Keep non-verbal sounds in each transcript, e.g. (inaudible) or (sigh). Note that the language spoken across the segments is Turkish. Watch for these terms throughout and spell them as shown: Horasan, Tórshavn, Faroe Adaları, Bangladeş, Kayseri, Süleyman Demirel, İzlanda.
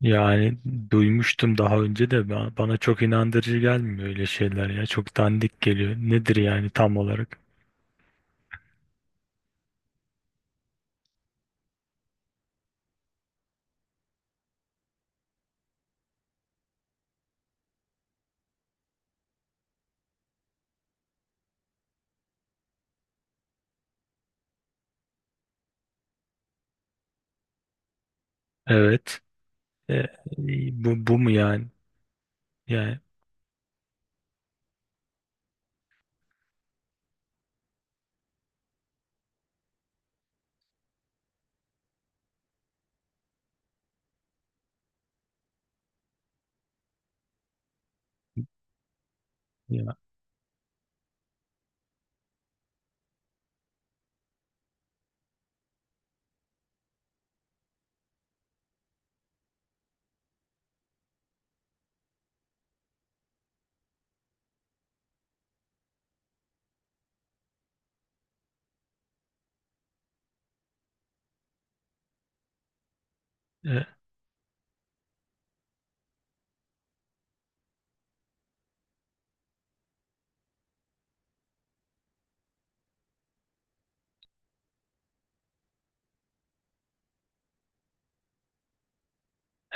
Yani duymuştum daha önce de bana çok inandırıcı gelmiyor öyle şeyler ya. Çok dandik geliyor. Nedir yani tam olarak? Evet. E, e, bu mu yani? Yani ya,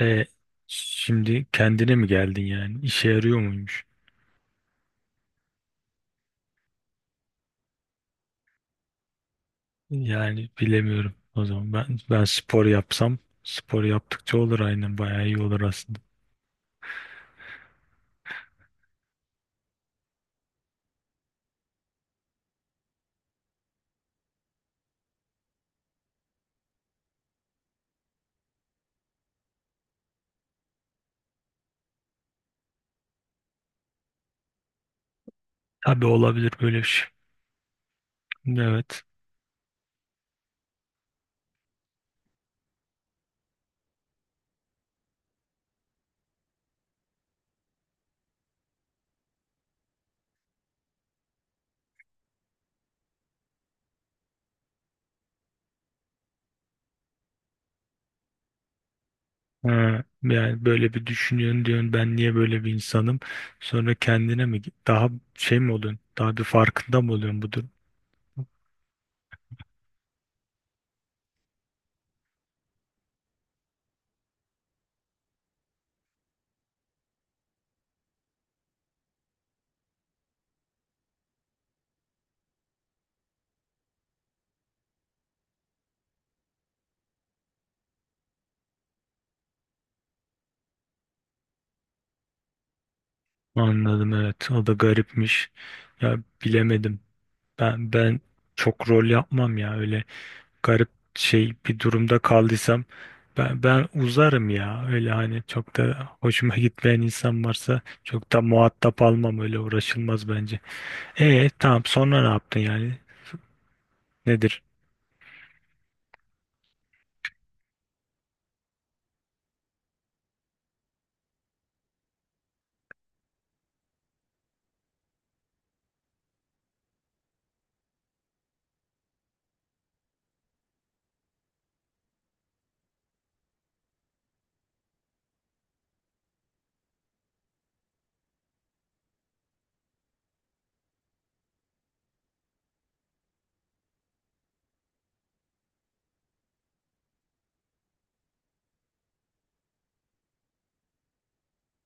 e, e, Şimdi kendine mi geldin yani? İşe yarıyor muymuş? Yani bilemiyorum. O zaman ben spor yapsam, spor yaptıkça olur aynen, bayağı iyi olur aslında. Tabii, olabilir böyle bir şey. Evet. Ha, yani böyle bir düşünüyorsun diyorsun, ben niye böyle bir insanım? Sonra kendine mi daha şey mi oluyorsun? Daha bir farkında mı oluyorsun bu durum? Anladım, evet. O da garipmiş. Ya bilemedim. Ben çok rol yapmam ya öyle. Garip şey, bir durumda kaldıysam ben uzarım ya. Öyle hani çok da hoşuma gitmeyen insan varsa çok da muhatap almam, öyle uğraşılmaz bence. E tamam, sonra ne yaptın yani? Nedir?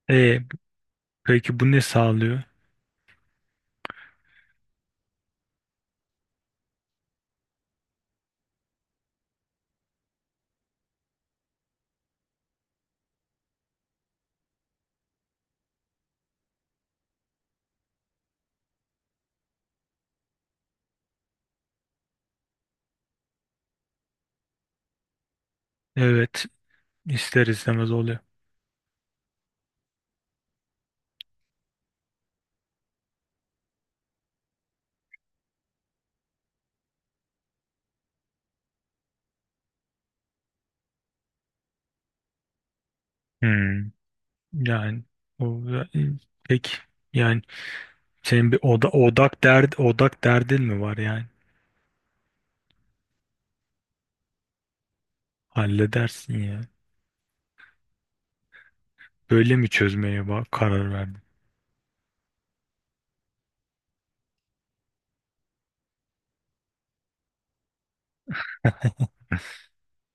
E peki bu ne sağlıyor? Evet, ister istemez oluyor. Hmm. Yani o peki yani senin bir odak derdin mi var yani? Halledersin ya. Böyle mi çözmeye bak karar verdin?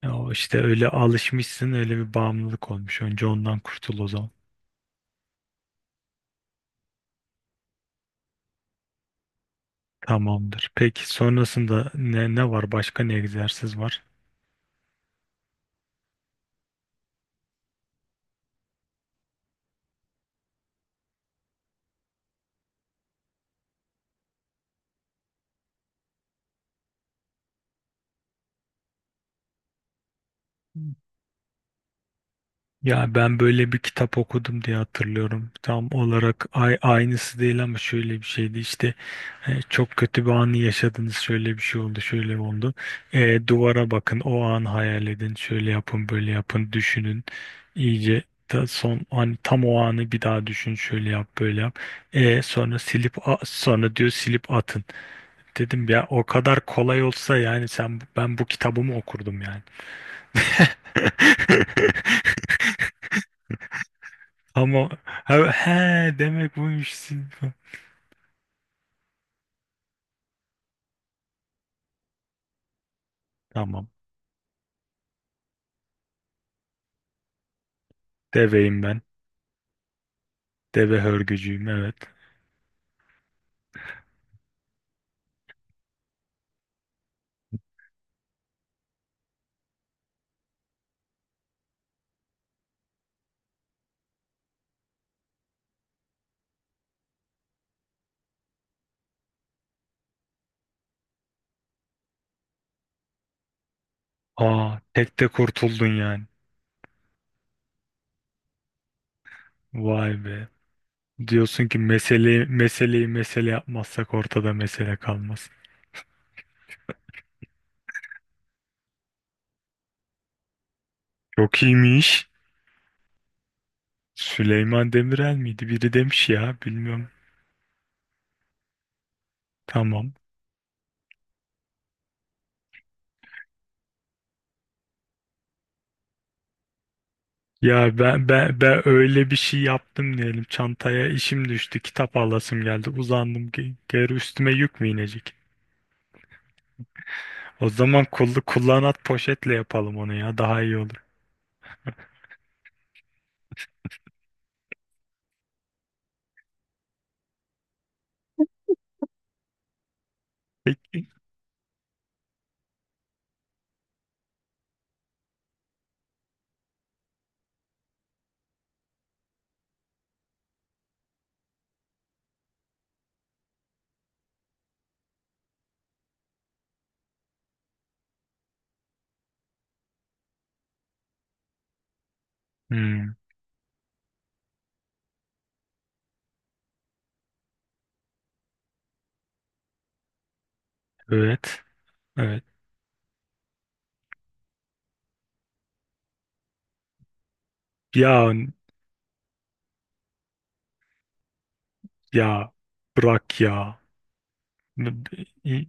Ya o işte, öyle alışmışsın, öyle bir bağımlılık olmuş. Önce ondan kurtul o zaman. Tamamdır. Peki sonrasında ne var? Başka ne egzersiz var? Ya ben böyle bir kitap okudum diye hatırlıyorum. Tam olarak aynısı değil ama şöyle bir şeydi işte. E, çok kötü bir anı yaşadınız. Şöyle bir şey oldu, şöyle oldu. E, duvara bakın, o an hayal edin. Şöyle yapın, böyle yapın, düşünün. İyice ta son an, tam o anı bir daha düşün. Şöyle yap, böyle yap. E, sonra sonra diyor silip atın. Dedim ya, o kadar kolay olsa yani sen ben bu kitabımı okurdum yani. (laughs) Ama he, demek buymuş. Tamam. Deveyim ben. Deve hörgücüyüm, evet. Aa, tek de kurtuldun yani. Vay be. Diyorsun ki meseleyi mesele yapmazsak ortada mesele kalmaz. Çok iyiymiş. Süleyman Demirel miydi? Biri demiş ya, bilmiyorum. Tamam. Ya ben öyle bir şey yaptım diyelim. Çantaya işim düştü, kitap alasım geldi. Uzandım, geri üstüme yük mü inecek? O zaman kullanat poşetle yapalım onu ya. Daha iyi olur. Peki. Hmm, evet. Evet. Ya ya bırak ya. Ne- bi-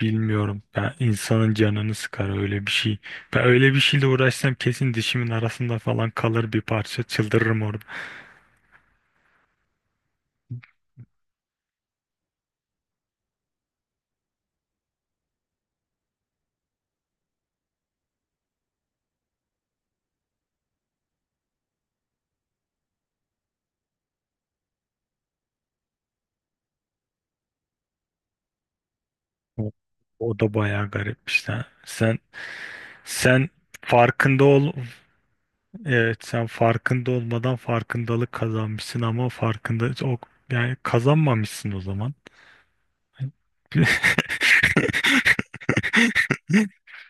Bilmiyorum. Ya insanın canını sıkar öyle bir şey. Ben öyle bir şeyle uğraşsam kesin dişimin arasında falan kalır bir parça. Çıldırırım orada. O, o da bayağı garip işte. Sen farkında ol. Evet, sen farkında olmadan farkındalık kazanmışsın ama yani kazanmamışsın o zaman. (laughs)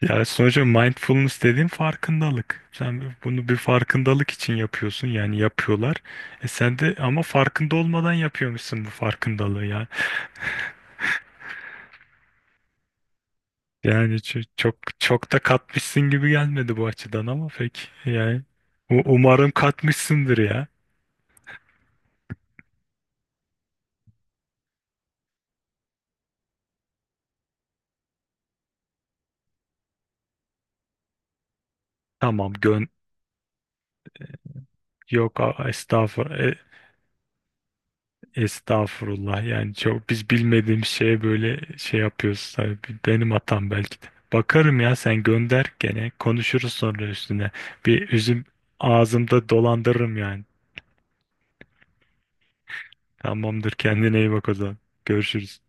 Yani sonuçta mindfulness dediğin farkındalık. Sen bunu bir farkındalık için yapıyorsun, yani yapıyorlar. E sen de ama farkında olmadan yapıyormuşsun bu farkındalığı ya. Yani çok çok da katmışsın gibi gelmedi bu açıdan ama pek, yani umarım katmışsındır ya. Tamam, yok, estağfurullah. Estağfurullah, yani çok biz bilmediğim şeye böyle şey yapıyoruz tabii, benim hatam belki de. Bakarım ya, sen gönder, gene konuşuruz sonra üstüne. Bir üzüm ağzımda dolandırırım yani. Tamamdır, kendine iyi bak o zaman. Görüşürüz.